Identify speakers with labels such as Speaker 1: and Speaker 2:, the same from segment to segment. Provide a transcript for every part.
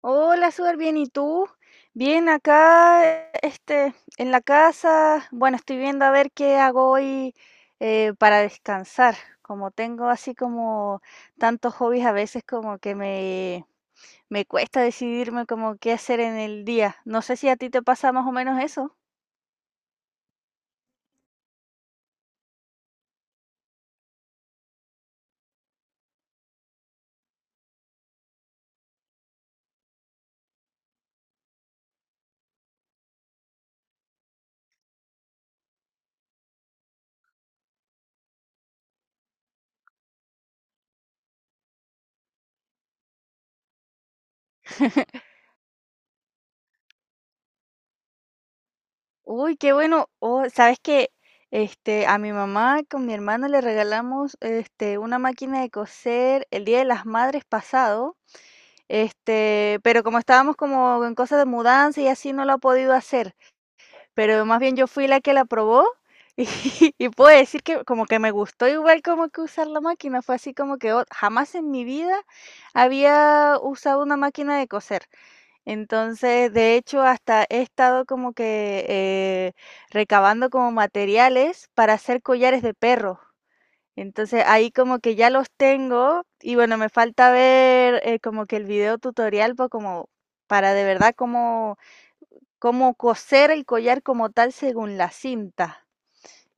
Speaker 1: Hola, súper bien. ¿Y tú? Bien, acá, en la casa. Bueno, estoy viendo a ver qué hago hoy para descansar. Como tengo así como tantos hobbies, a veces como que me cuesta decidirme como qué hacer en el día. No sé si a ti te pasa más o menos eso. Uy, qué bueno. Oh, ¿sabes qué? A mi mamá con mi hermano le regalamos este, una máquina de coser el Día de las Madres pasado. Pero como estábamos como en cosas de mudanza y así, no lo ha podido hacer. Pero más bien yo fui la que la probó y, y puedo decir que como que me gustó igual como que usar la máquina. Fue así como que "Oh, jamás en mi vida había usado una máquina de coser." Entonces, de hecho, hasta he estado como que recabando como materiales para hacer collares de perros. Entonces ahí como que ya los tengo y bueno, me falta ver como que el video tutorial pues como para de verdad cómo coser el collar como tal según la cinta.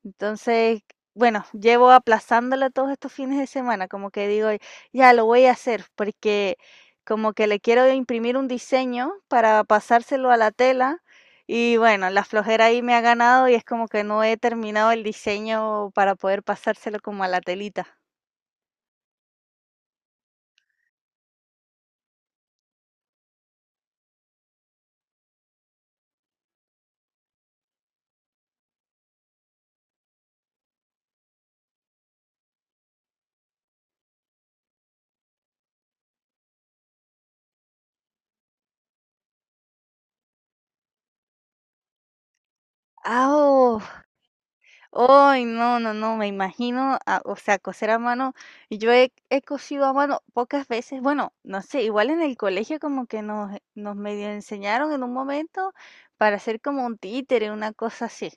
Speaker 1: Entonces, bueno, llevo aplazándolo todos estos fines de semana, como que digo, ya lo voy a hacer porque como que le quiero imprimir un diseño para pasárselo a la tela y bueno, la flojera ahí me ha ganado y es como que no he terminado el diseño para poder pasárselo como a la telita. Ah, oh. Ay, no, no, no, me imagino, ah, o sea, coser a mano. Y yo he cosido a mano pocas veces, bueno, no sé, igual en el colegio como que nos medio enseñaron en un momento para hacer como un títere, una cosa así.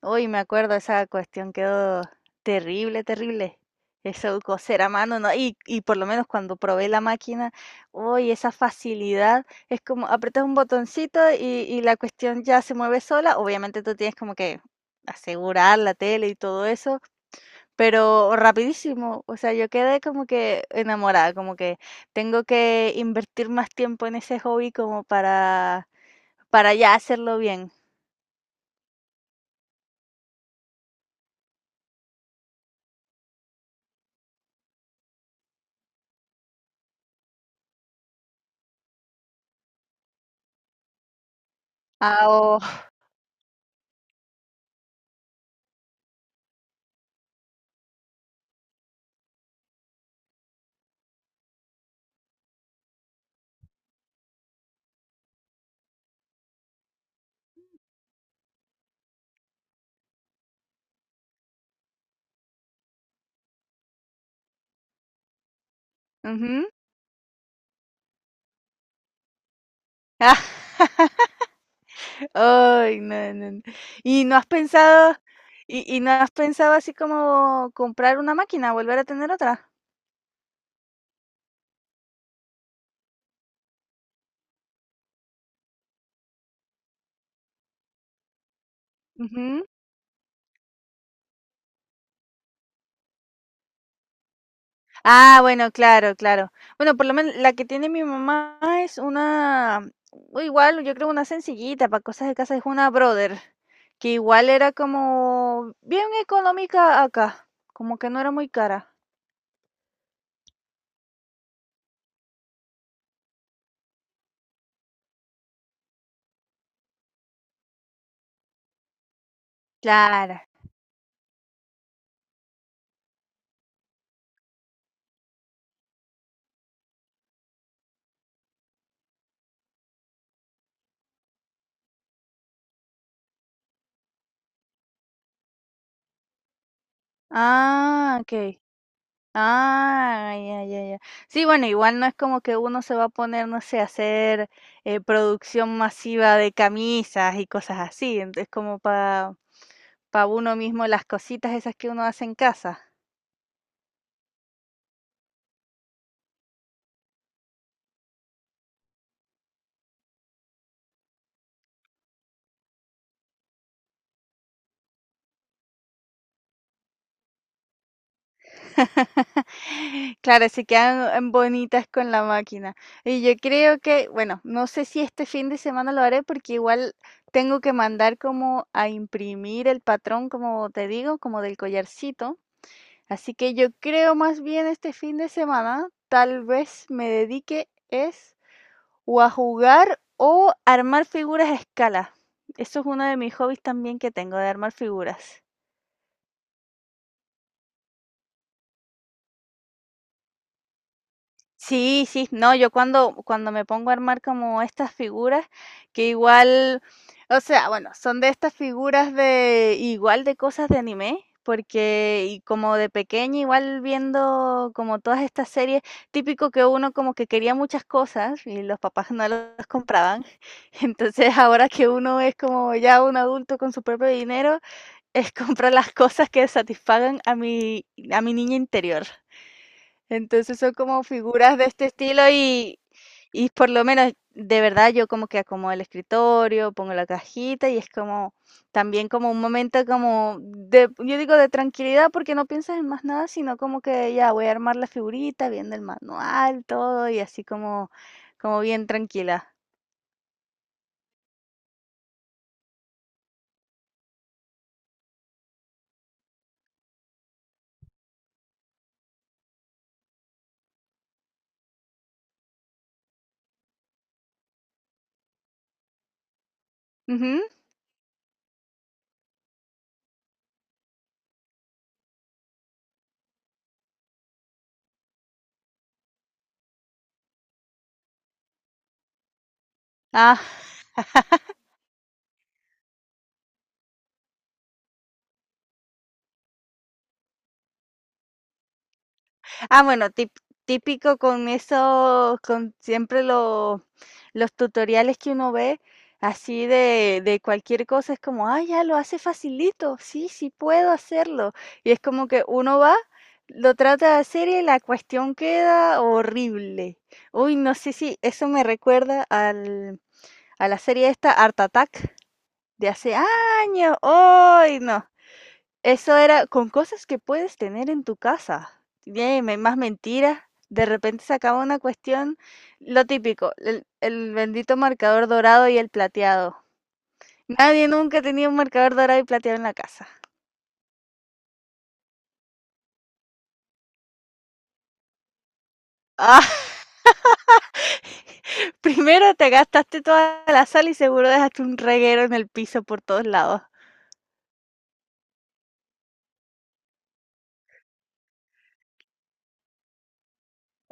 Speaker 1: Uy, me acuerdo, esa cuestión quedó terrible, terrible. Eso coser a mano, ¿no? Y por lo menos cuando probé la máquina, uy, esa facilidad. Es como apretas un botoncito y la cuestión ya se mueve sola. Obviamente tú tienes como que asegurar la tele y todo eso, pero rapidísimo. O sea, yo quedé como que enamorada, como que tengo que invertir más tiempo en ese hobby como para ya hacerlo bien. Ah, oh, ujú. Ah. Ay, no, no, no. ¿Y no has pensado y no has pensado así como comprar una máquina, volver a tener otra? Ujú. Ah, bueno, claro, claro. Bueno, por lo menos la que tiene mi mamá es una o igual, yo creo una sencillita para cosas de casa, es una Brother, que igual era como bien económica acá, como que no era muy cara. Claro. Ah, okey. Ah, ya, ya, ya. Sí, bueno, igual no es como que uno se va a poner, no sé, a hacer producción masiva de camisas y cosas así. Es como para uno mismo las cositas esas que uno hace en casa. Claro, se quedan bonitas con la máquina. Y yo creo que, bueno, no sé si este fin de semana lo haré porque igual tengo que mandar como a imprimir el patrón, como te digo, como del collarcito. Así que yo creo más bien este fin de semana, tal vez me dedique es o a jugar o armar figuras a escala. Eso es uno de mis hobbies también que tengo, de armar figuras. Sí, sí, no, yo cuando me pongo a armar como estas figuras, que igual, o sea, bueno, son de estas figuras de igual de cosas de anime, porque y como de pequeña igual viendo como todas estas series, típico que uno como que quería muchas cosas y los papás no las compraban. Entonces, ahora que uno es como ya un adulto con su propio dinero, es comprar las cosas que satisfagan a mi niña interior. Entonces son como figuras de este estilo y por lo menos de verdad yo como que acomodo el escritorio, pongo la cajita y es como también como un momento como yo digo de tranquilidad porque no piensas en más nada, sino como que ya voy a armar la figurita, viendo el manual, todo y así como, como bien tranquila. Ujú. Ah, ah, bueno, típico con eso, con siempre lo... Los tutoriales que uno ve así de cualquier cosa es como, ah, ya lo hace facilito, sí, sí puedo hacerlo. Y es como que uno va, lo trata de hacer y la cuestión queda horrible. Uy, no sé si eso me recuerda a la serie esta, Art Attack, de hace años. Uy, no. Eso era con cosas que puedes tener en tu casa. Tiene más mentiras. De repente se acaba una cuestión, lo típico, el bendito marcador dorado y el plateado. Nadie nunca tenía un marcador dorado y plateado en la casa. Ah, primero te gastaste toda la sal y seguro dejaste un reguero en el piso por todos lados.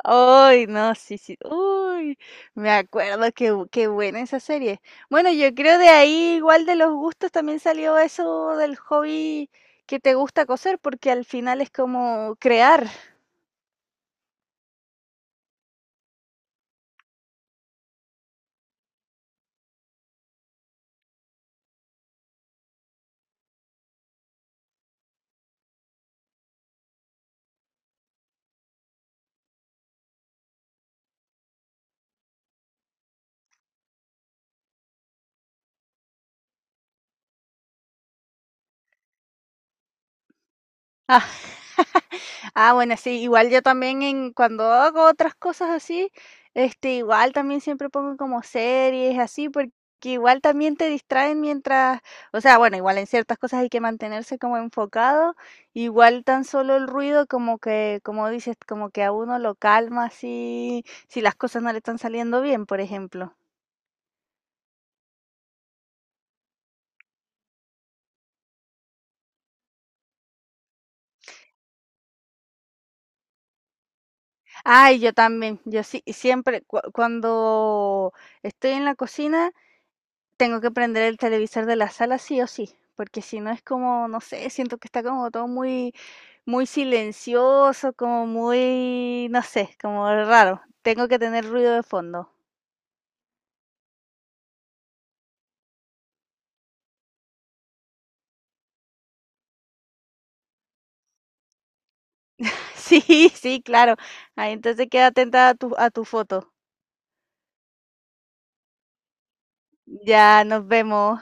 Speaker 1: Ay, no, sí, sí. Uy, me acuerdo que qué buena esa serie. Bueno, yo creo de ahí, igual de los gustos, también salió eso del hobby que te gusta coser, porque al final es como crear. Ah, ah, bueno, sí, igual yo también en cuando hago otras cosas así, igual también siempre pongo como series así, porque igual también te distraen mientras, o sea, bueno, igual en ciertas cosas hay que mantenerse como enfocado, igual tan solo el ruido como que, como dices, como que a uno lo calma así, si las cosas no le están saliendo bien, por ejemplo. Ay, yo también, yo sí, siempre cuando estoy en la cocina, tengo que prender el televisor de la sala sí o sí, porque si no es como, no sé, siento que está como todo muy, muy silencioso, como muy, no sé, como raro. Tengo que tener ruido de fondo. Sí, sí, claro. Ahí entonces queda atenta a a tu foto. Ya nos vemos.